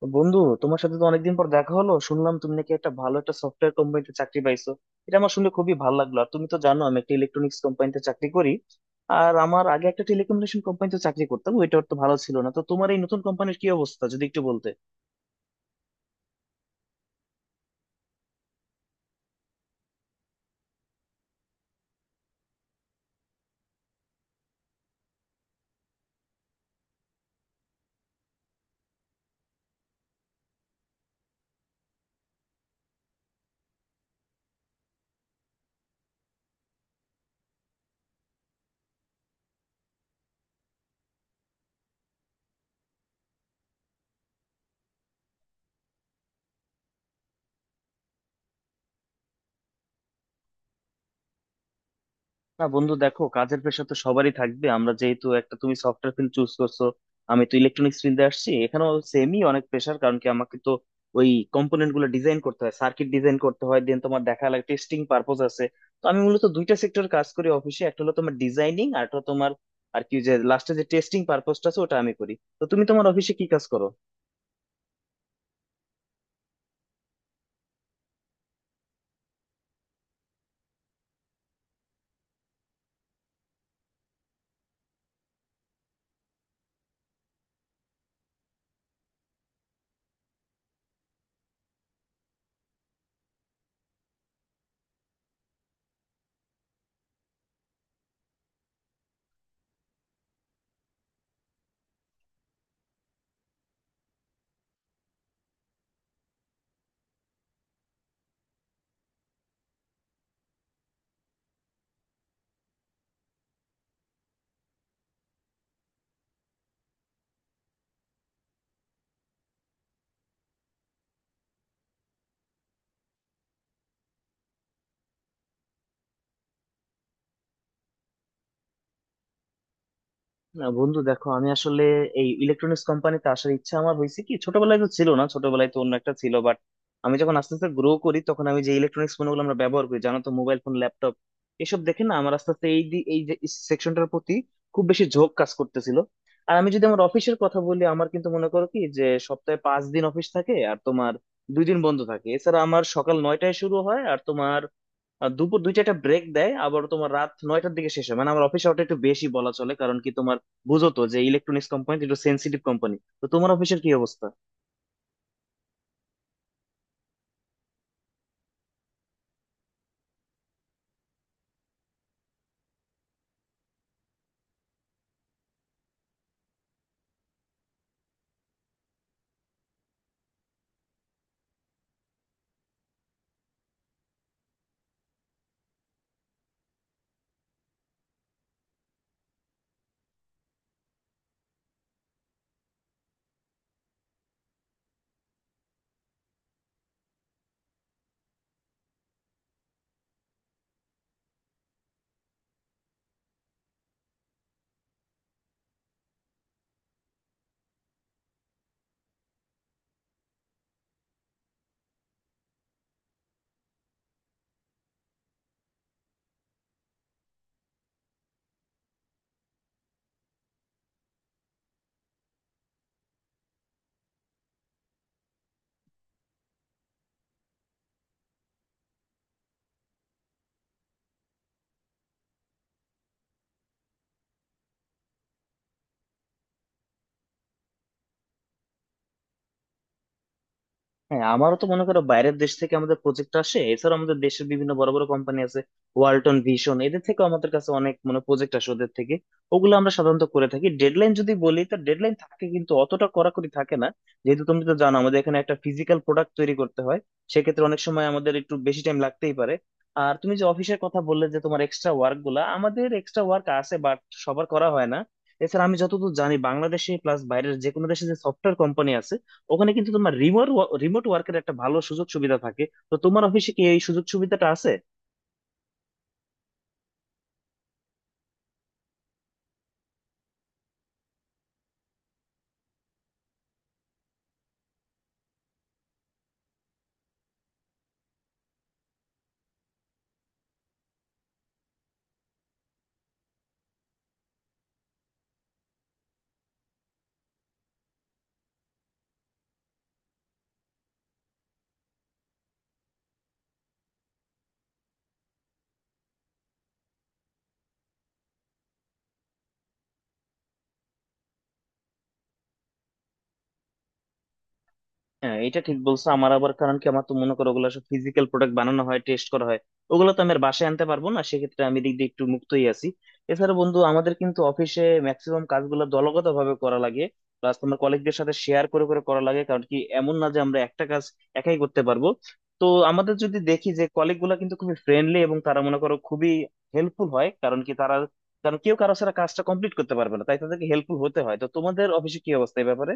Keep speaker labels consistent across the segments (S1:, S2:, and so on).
S1: তো বন্ধু, তোমার সাথে তো অনেকদিন পর দেখা হলো। শুনলাম তুমি নাকি একটা ভালো একটা সফটওয়্যার কোম্পানিতে চাকরি পাইছো। এটা আমার শুনে খুবই ভালো লাগলো। আর তুমি তো জানো, আমি একটা ইলেকট্রনিক্স কোম্পানিতে চাকরি করি। আর আমার আগে একটা টেলিকমিউনিকেশন কোম্পানিতে চাকরি করতাম, ওইটা তো ভালো ছিল না। তো তোমার এই নতুন কোম্পানির কি অবস্থা, যদি একটু বলতে। না বন্ধু, দেখো কাজের প্রেশার তো সবারই থাকবে। আমরা যেহেতু একটা, তুমি সফটওয়্যার ফিল্ড চুজ করছো, আমি তো ইলেকট্রনিক্স ফিল্ডে আসছি। এখানেও সেমই অনেক প্রেশার। কারণ কি, আমাকে তো ওই কম্পোনেন্ট গুলো ডিজাইন করতে হয়, সার্কিট ডিজাইন করতে হয়, দেন তোমার দেখা লাগে টেস্টিং পারপোজ আছে। তো আমি মূলত দুইটা সেক্টর কাজ করি অফিসে। একটা হলো তোমার ডিজাইনিং, আর একটা তোমার আর কি, যে লাস্টে যে টেস্টিং পারপোজটা আছে ওটা আমি করি। তো তুমি তোমার অফিসে কি কাজ করো? না বন্ধু দেখো, আমি আসলে এই ইলেকট্রনিক্স কোম্পানিতে আসার ইচ্ছা আমার হয়েছে কি, ছোটবেলায় তো ছিল না, ছোটবেলায় তো অন্য একটা ছিল। বাট আমি যখন আস্তে আস্তে গ্রো করি, তখন আমি যে ইলেকট্রনিক্স পণ্যগুলো আমরা ব্যবহার করি, জানো তো, মোবাইল ফোন, ল্যাপটপ, এসব দেখে না আমার আস্তে আস্তে এই যে সেকশনটার প্রতি খুব বেশি ঝোঁক কাজ করতেছিল। আর আমি যদি আমার অফিসের কথা বলি, আমার কিন্তু মনে করো কি, যে সপ্তাহে 5 দিন অফিস থাকে, আর তোমার 2 দিন বন্ধ থাকে। এছাড়া আমার সকাল 9টায় শুরু হয়, আর তোমার আর দুপুর 2টা একটা ব্রেক দেয়, আবার তোমার রাত 9টার দিকে শেষ হয়। মানে আমার অফিস আওয়ারটা একটু বেশি বলা চলে, কারণ কি তোমার, বুঝো তো যে ইলেকট্রনিক্স কোম্পানি একটু সেন্সিটিভ কোম্পানি। তো তোমার অফিসের কি অবস্থা? হ্যাঁ, আমারও তো মনে করো বাইরের দেশ থেকে আমাদের প্রজেক্ট আসে। এছাড়া আমাদের দেশের বিভিন্ন বড় বড় কোম্পানি আছে, ওয়ালটন, ভিশন, এদের থেকে আমাদের কাছে অনেক মানে প্রজেক্ট আসে ওদের থেকে। ওগুলো আমরা সাধারণত করে থাকি। ডেডলাইন যদি বলি, তো ডেডলাইন থাকে কিন্তু অতটা কড়াকড়ি থাকে না, যেহেতু তুমি তো জানো আমাদের এখানে একটা ফিজিক্যাল প্রোডাক্ট তৈরি করতে হয়। সেক্ষেত্রে অনেক সময় আমাদের একটু বেশি টাইম লাগতেই পারে। আর তুমি যে অফিসের কথা বললে, যে তোমার এক্সট্রা ওয়ার্ক গুলা, আমাদের এক্সট্রা ওয়ার্ক আছে, বাট সবার করা হয় না। এছাড়া আমি যতদূর জানি, বাংলাদেশে প্লাস বাইরের যে কোনো দেশে যে সফটওয়্যার কোম্পানি আছে, ওখানে কিন্তু তোমার রিমোট রিমোট ওয়ার্কের একটা ভালো সুযোগ সুবিধা থাকে। তো তোমার অফিসে কি এই সুযোগ সুবিধাটা আছে? হ্যাঁ এটা ঠিক বলছো। আমার আবার কারণ কি, আমার তো মনে করো ওগুলো সব ফিজিক্যাল প্রোডাক্ট, বানানো হয়, টেস্ট করা হয়, ওগুলো তো আমি আর বাসায় আনতে পারবো না। সেক্ষেত্রে আমি দিক দিয়ে একটু মুক্তই আছি। এছাড়া বন্ধু, আমাদের কিন্তু অফিসে ম্যাক্সিমাম কাজগুলো দলগত ভাবে করা লাগে, প্লাস তোমার কলিগদের সাথে শেয়ার করে করে করা লাগে। কারণ কি, এমন না যে আমরা একটা কাজ একাই করতে পারবো। তো আমাদের যদি দেখি, যে কলিগ গুলা কিন্তু খুবই ফ্রেন্ডলি এবং তারা মনে করো খুবই হেল্পফুল হয়। কারণ কি তারা, কারণ কেউ কারো ছাড়া কাজটা কমপ্লিট করতে পারবে না, তাই তাদেরকে হেল্পফুল হতে হয়। তো তোমাদের অফিসে কি অবস্থা এই ব্যাপারে?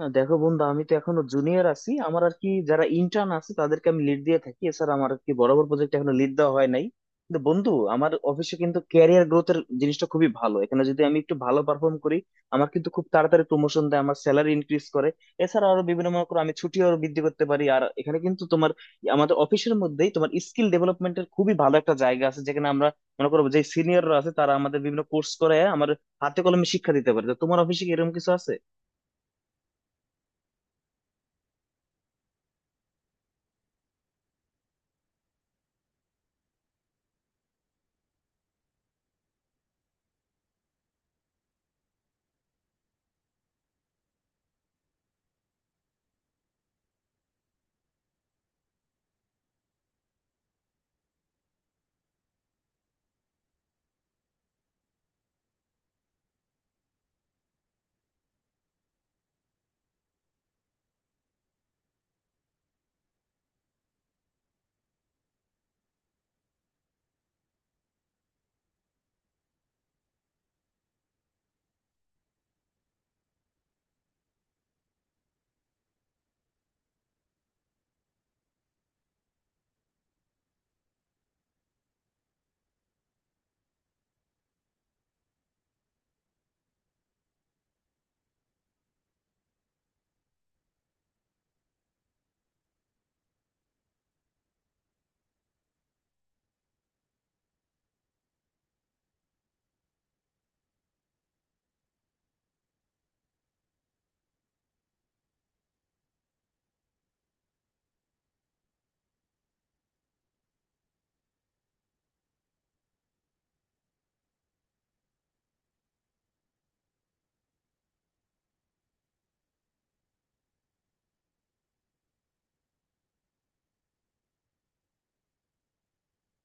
S1: না দেখো বন্ধু, আমি তো এখনো জুনিয়র আছি আমার আর কি। যারা ইন্টার্ন আছে তাদেরকে আমি লিড দিয়ে থাকি। এছাড়া আমার আর কি বড় বড় প্রজেক্ট এখনো লিড দেওয়া হয় নাই। কিন্তু বন্ধু, আমার অফিসে কিন্তু ক্যারিয়ার গ্রোথের জিনিসটা খুবই ভালো। এখানে যদি আমি একটু ভালো পারফর্ম করি, আমার কিন্তু খুব তাড়াতাড়ি প্রমোশন দেয়, আমার স্যালারি ইনক্রিজ করে। এছাড়া আরো বিভিন্ন, মনে করো আমি ছুটি আরো বৃদ্ধি করতে পারি। আর এখানে কিন্তু তোমার, আমাদের অফিসের মধ্যেই তোমার স্কিল ডেভেলপমেন্টের খুবই ভালো একটা জায়গা আছে, যেখানে আমরা মনে করো যে সিনিয়ররা আছে তারা আমাদের বিভিন্ন কোর্স করে আমার হাতে কলমে শিক্ষা দিতে পারে। তো তোমার অফিসে কি এরকম কিছু আছে?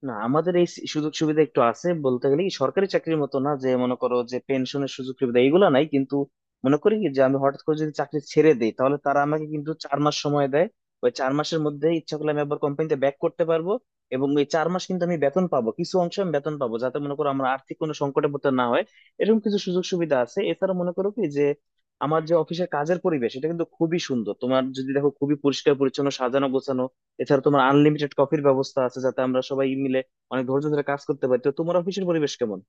S1: না আমাদের এই সুযোগ সুবিধা একটু আছে বলতে গেলে কি, সরকারি চাকরির মতো না যে মনে করো যে পেনশনের সুযোগ সুবিধা, এগুলো নাই। কিন্তু মনে করি কি, যে আমি হঠাৎ করে যদি চাকরি ছেড়ে দেই, তাহলে তারা আমাকে কিন্তু 4 মাস সময় দেয়। ওই 4 মাসের মধ্যে ইচ্ছা করলে আমি আবার কোম্পানিতে ব্যাক করতে পারবো, এবং ওই 4 মাস কিন্তু আমি বেতন পাবো, কিছু অংশ আমি বেতন পাবো, যাতে মনে করো আমার আর্থিক কোনো সংকটে পড়তে না হয়। এরকম কিছু সুযোগ সুবিধা আছে। এছাড়া মনে করো কি যে, আমার যে অফিসের কাজের পরিবেশ, এটা কিন্তু খুবই সুন্দর। তোমার যদি দেখো খুবই পরিষ্কার পরিচ্ছন্ন, সাজানো গোছানো। এছাড়া তোমার আনলিমিটেড কফির ব্যবস্থা আছে, যাতে আমরা সবাই মিলে অনেক ধৈর্য ধরে কাজ করতে পারি। তো তোমার অফিসের পরিবেশ কেমন?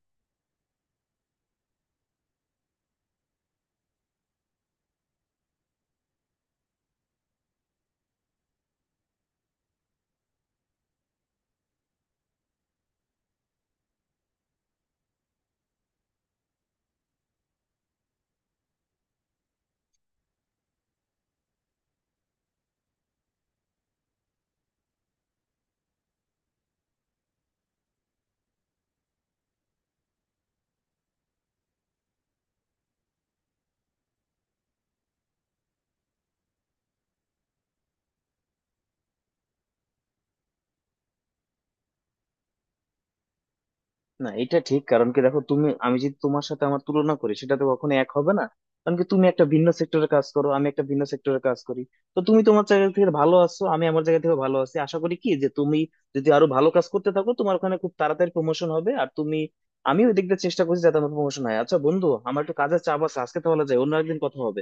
S1: না এটা ঠিক। কারণ কি দেখো, তুমি আমি, যদি তোমার সাথে আমার তুলনা করি সেটা তো কখনো এক হবে না। কারণ কি তুমি একটা ভিন্ন সেক্টরে কাজ করো, আমি একটা ভিন্ন সেক্টরে কাজ করি। তো তুমি তোমার জায়গা থেকে ভালো আছো, আমি আমার জায়গা থেকে ভালো আছি। আশা করি কি, যে তুমি যদি আরো ভালো কাজ করতে থাকো তোমার ওখানে খুব তাড়াতাড়ি প্রমোশন হবে। আর তুমি, আমি ওই দিক দিয়ে চেষ্টা করছি যাতে আমার প্রমোশন হয়। আচ্ছা বন্ধু, আমার একটু কাজের চাপ আছে আজকে, তাহলে যাই, অন্য একদিন কথা হবে।